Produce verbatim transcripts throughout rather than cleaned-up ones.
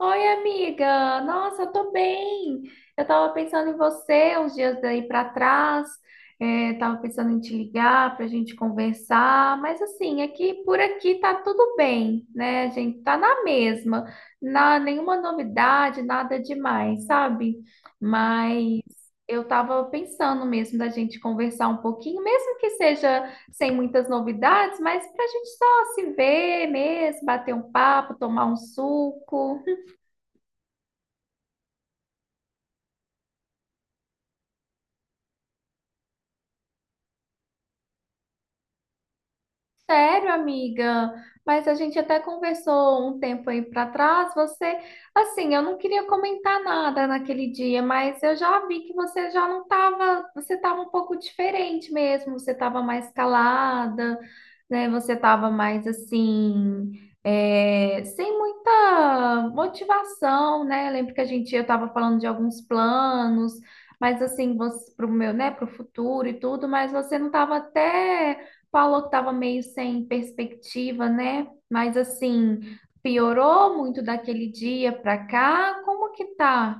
Oi, amiga! Nossa, eu tô bem! Eu tava pensando em você uns dias daí pra trás, é, tava pensando em te ligar pra gente conversar, mas assim, aqui por aqui tá tudo bem, né? A gente tá na mesma, na, nenhuma novidade, nada demais, sabe? Mas eu tava pensando mesmo da gente conversar um pouquinho, mesmo que seja sem muitas novidades, mas pra gente só se ver mesmo, bater um papo, tomar um suco. Sério, amiga, mas a gente até conversou um tempo aí pra trás. Você, assim, eu não queria comentar nada naquele dia, mas eu já vi que você já não tava, você tava um pouco diferente mesmo, você tava mais calada, né? Você tava mais assim, é, sem muita motivação, né? Eu lembro que a gente, eu tava falando de alguns planos, mas assim, você, pro meu, né, pro futuro e tudo, mas você não tava até. Falou que estava meio sem perspectiva, né? Mas assim, piorou muito daquele dia para cá. Como que tá?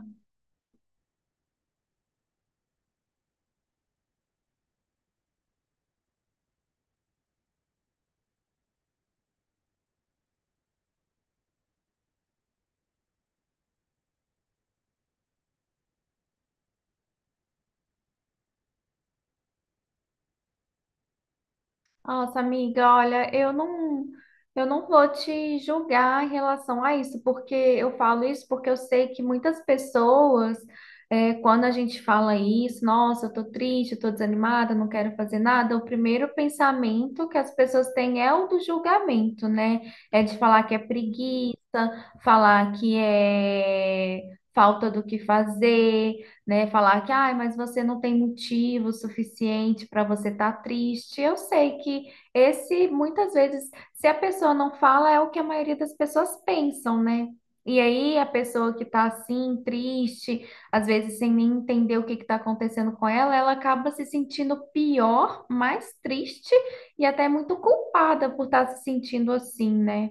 Nossa, amiga, olha, eu não, eu não vou te julgar em relação a isso, porque eu falo isso porque eu sei que muitas pessoas, é, quando a gente fala isso, nossa, eu tô triste, eu tô desanimada, não quero fazer nada, o primeiro pensamento que as pessoas têm é o do julgamento, né? É de falar que é preguiça, falar que é falta do que fazer, né? Falar que, ai, mas você não tem motivo suficiente para você estar triste. Eu sei que esse, muitas vezes, se a pessoa não fala, é o que a maioria das pessoas pensam, né? E aí a pessoa que tá assim, triste, às vezes sem nem entender o que que tá acontecendo com ela, ela acaba se sentindo pior, mais triste e até muito culpada por estar se sentindo assim, né?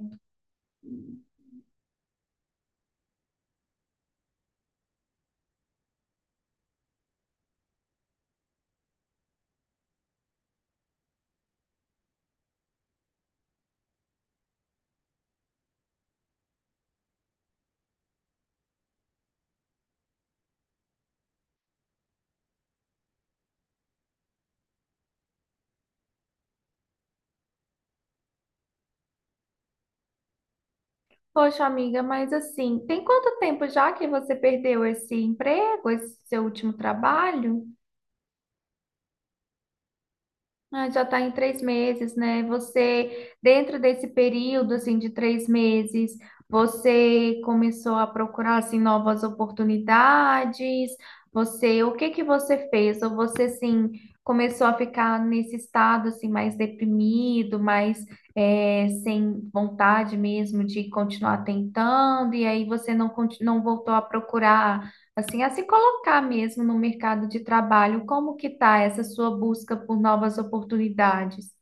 Poxa, amiga, mas assim, tem quanto tempo já que você perdeu esse emprego, esse seu último trabalho? Ah, já está em três meses, né? Você, dentro desse período, assim, de três meses, você começou a procurar, assim, novas oportunidades? Você, o que que você fez? Ou você, assim, começou a ficar nesse estado, assim, mais deprimido, mais, eh, sem vontade mesmo de continuar tentando, e aí você não, conti- não voltou a procurar assim, a se colocar mesmo no mercado de trabalho, como que está essa sua busca por novas oportunidades?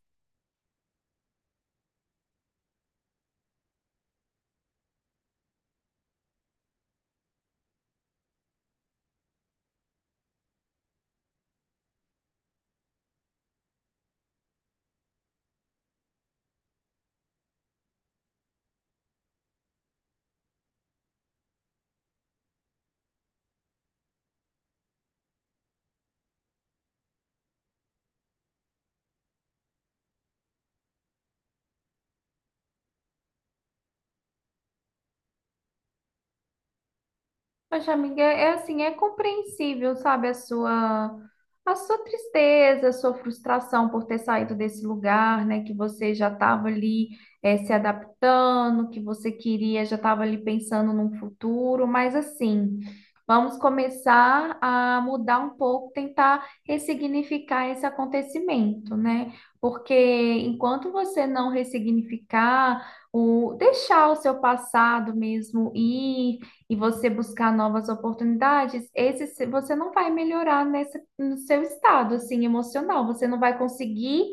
Poxa, amiga, é é assim, é compreensível, sabe, a sua, a sua tristeza, a sua frustração por ter saído desse lugar, né, que você já estava ali eh, se adaptando, que você queria, já estava ali pensando num futuro, mas assim, vamos começar a mudar um pouco, tentar ressignificar esse acontecimento, né, porque enquanto você não ressignificar, o, deixar o seu passado mesmo ir, e você buscar novas oportunidades, esse se- você não vai melhorar nesse, no seu estado assim emocional. Você não vai conseguir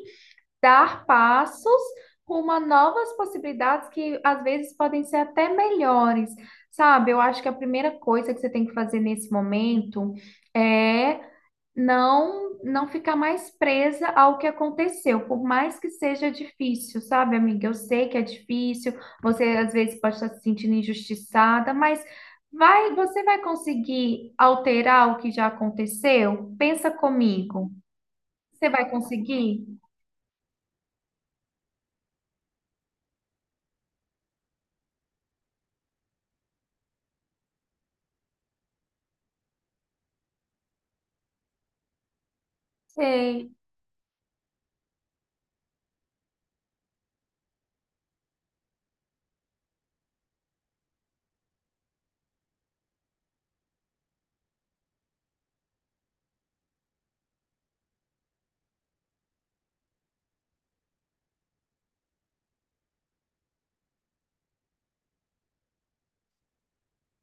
dar passos rumo a novas possibilidades que às vezes podem ser até melhores, sabe? Eu acho que a primeira coisa que você tem que fazer nesse momento é não não ficar mais presa ao que aconteceu, por mais que seja difícil, sabe, amiga? Eu sei que é difícil, você às vezes pode estar se sentindo injustiçada, mas vai, você vai conseguir alterar o que já aconteceu? Pensa comigo. Você vai conseguir? Sei.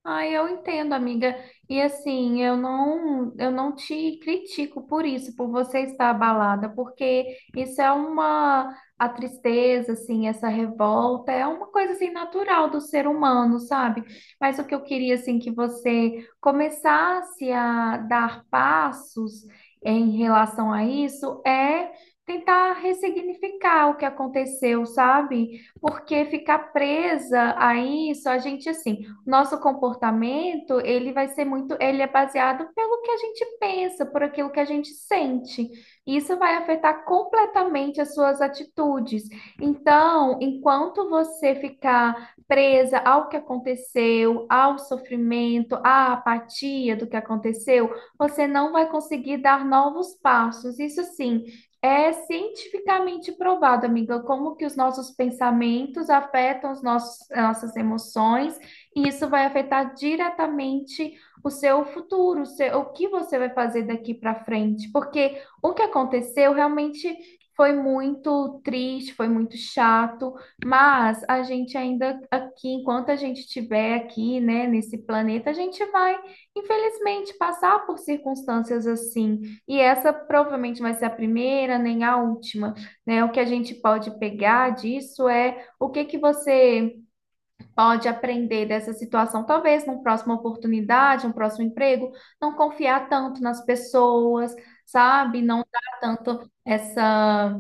Ai, eu entendo, amiga. E assim, eu não, eu não te critico por isso, por você estar abalada, porque isso é uma, a tristeza, assim, essa revolta, é uma coisa assim natural do ser humano, sabe? Mas o que eu queria assim que você começasse a dar passos em relação a isso é tentar ressignificar o que aconteceu, sabe? Porque ficar presa a isso, a gente assim nosso comportamento, ele vai ser muito, ele é baseado pelo que a gente pensa, por aquilo que a gente sente. Isso vai afetar completamente as suas atitudes. Então, enquanto você ficar presa ao que aconteceu, ao sofrimento, à apatia do que aconteceu, você não vai conseguir dar novos passos. Isso sim, é cientificamente provado, amiga, como que os nossos pensamentos afetam os nossos, nossas emoções e isso vai afetar diretamente o seu futuro, o seu- o que você vai fazer daqui para frente, porque o que aconteceu realmente foi muito triste, foi muito chato, mas a gente ainda aqui, enquanto a gente estiver aqui, né, nesse planeta, a gente vai, infelizmente, passar por circunstâncias assim, e essa provavelmente vai ser a primeira, nem a última, né? O que a gente pode pegar disso é o que que você pode aprender dessa situação. Talvez numa próxima oportunidade, um próximo emprego, não confiar tanto nas pessoas, sabe? Não dar tanto essa.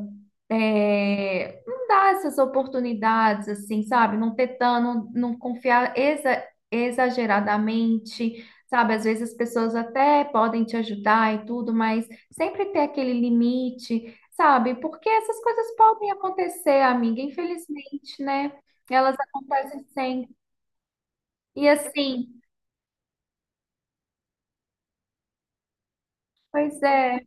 é, Não dar essas oportunidades, assim, sabe? Não ter tan- não, não confiar exa- exageradamente, sabe? Às vezes as pessoas até podem te ajudar e tudo, mas sempre ter aquele limite, sabe? Porque essas coisas podem acontecer, amiga, infelizmente, né? Elas acontecem sempre. E assim, pois é.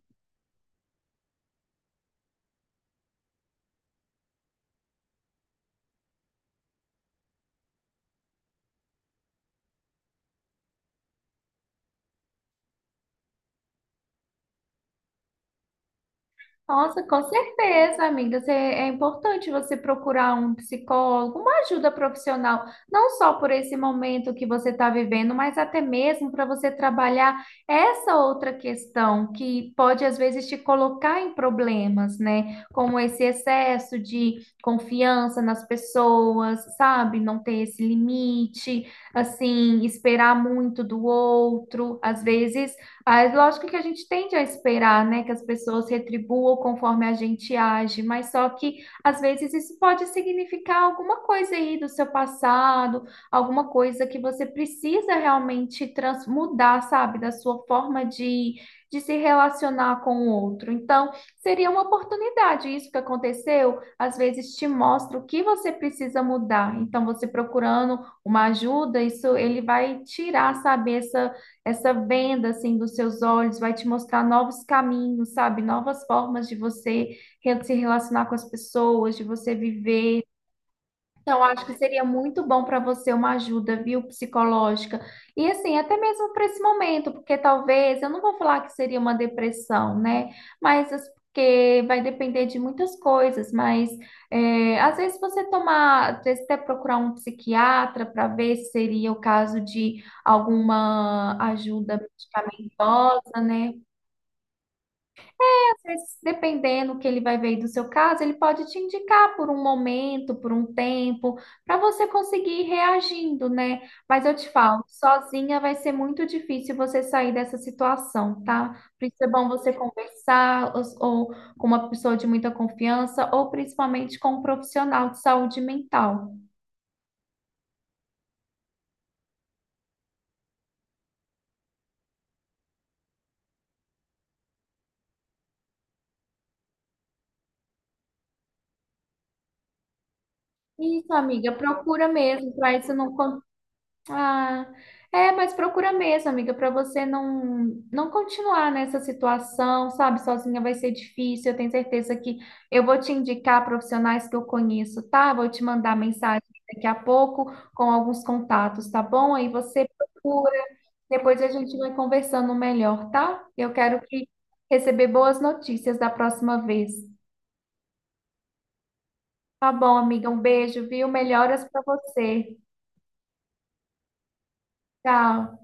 Nossa, com certeza, amiga. Você- É importante você procurar um psicólogo, uma ajuda profissional, não só por esse momento que você está vivendo, mas até mesmo para você trabalhar essa outra questão que pode, às vezes, te colocar em problemas, né? Como esse excesso de confiança nas pessoas, sabe? Não ter esse limite, assim, esperar muito do outro. Às vezes. Mas lógico que a gente tende a esperar, né, que as pessoas retribuam conforme a gente age, mas só que às vezes isso pode significar alguma coisa aí do seu passado, alguma coisa que você precisa realmente trans mudar, sabe, da sua forma de, de se relacionar com o outro. Então, seria uma oportunidade. Isso que aconteceu, às vezes te mostra o que você precisa mudar. Então, você procurando uma ajuda, isso ele vai tirar, sabe, essa essa venda assim dos seus olhos vai te mostrar novos caminhos, sabe? Novas formas de você re- se relacionar com as pessoas, de você viver. Então, acho que seria muito bom para você uma ajuda, viu, psicológica. E assim, até mesmo para esse momento, porque talvez, eu não vou falar que seria uma depressão, né? Mas as- porque vai depender de muitas coisas. Mas é, às vezes você tomar, às vezes até procurar um psiquiatra para ver se seria o caso de alguma ajuda medicamentosa, né? Mas, dependendo que ele vai ver aí do seu caso, ele pode te indicar por um momento, por um tempo, para você conseguir ir reagindo, né? Mas eu te falo, sozinha vai ser muito difícil você sair dessa situação, tá? Por isso é bom você conversar ou, ou com uma pessoa de muita confiança, ou principalmente com um profissional de saúde mental. Isso, amiga, procura mesmo, para isso não. Ah, é, mas procura mesmo, amiga, para você não não continuar nessa situação, sabe? Sozinha vai ser difícil. Eu tenho certeza que eu vou te indicar profissionais que eu conheço, tá? Vou te mandar mensagem daqui a pouco com alguns contatos, tá bom? Aí você procura, depois a gente vai conversando melhor, tá? Eu quero que receber boas notícias da próxima vez. Tá bom, amiga, um beijo, viu? Melhoras para você. Tchau.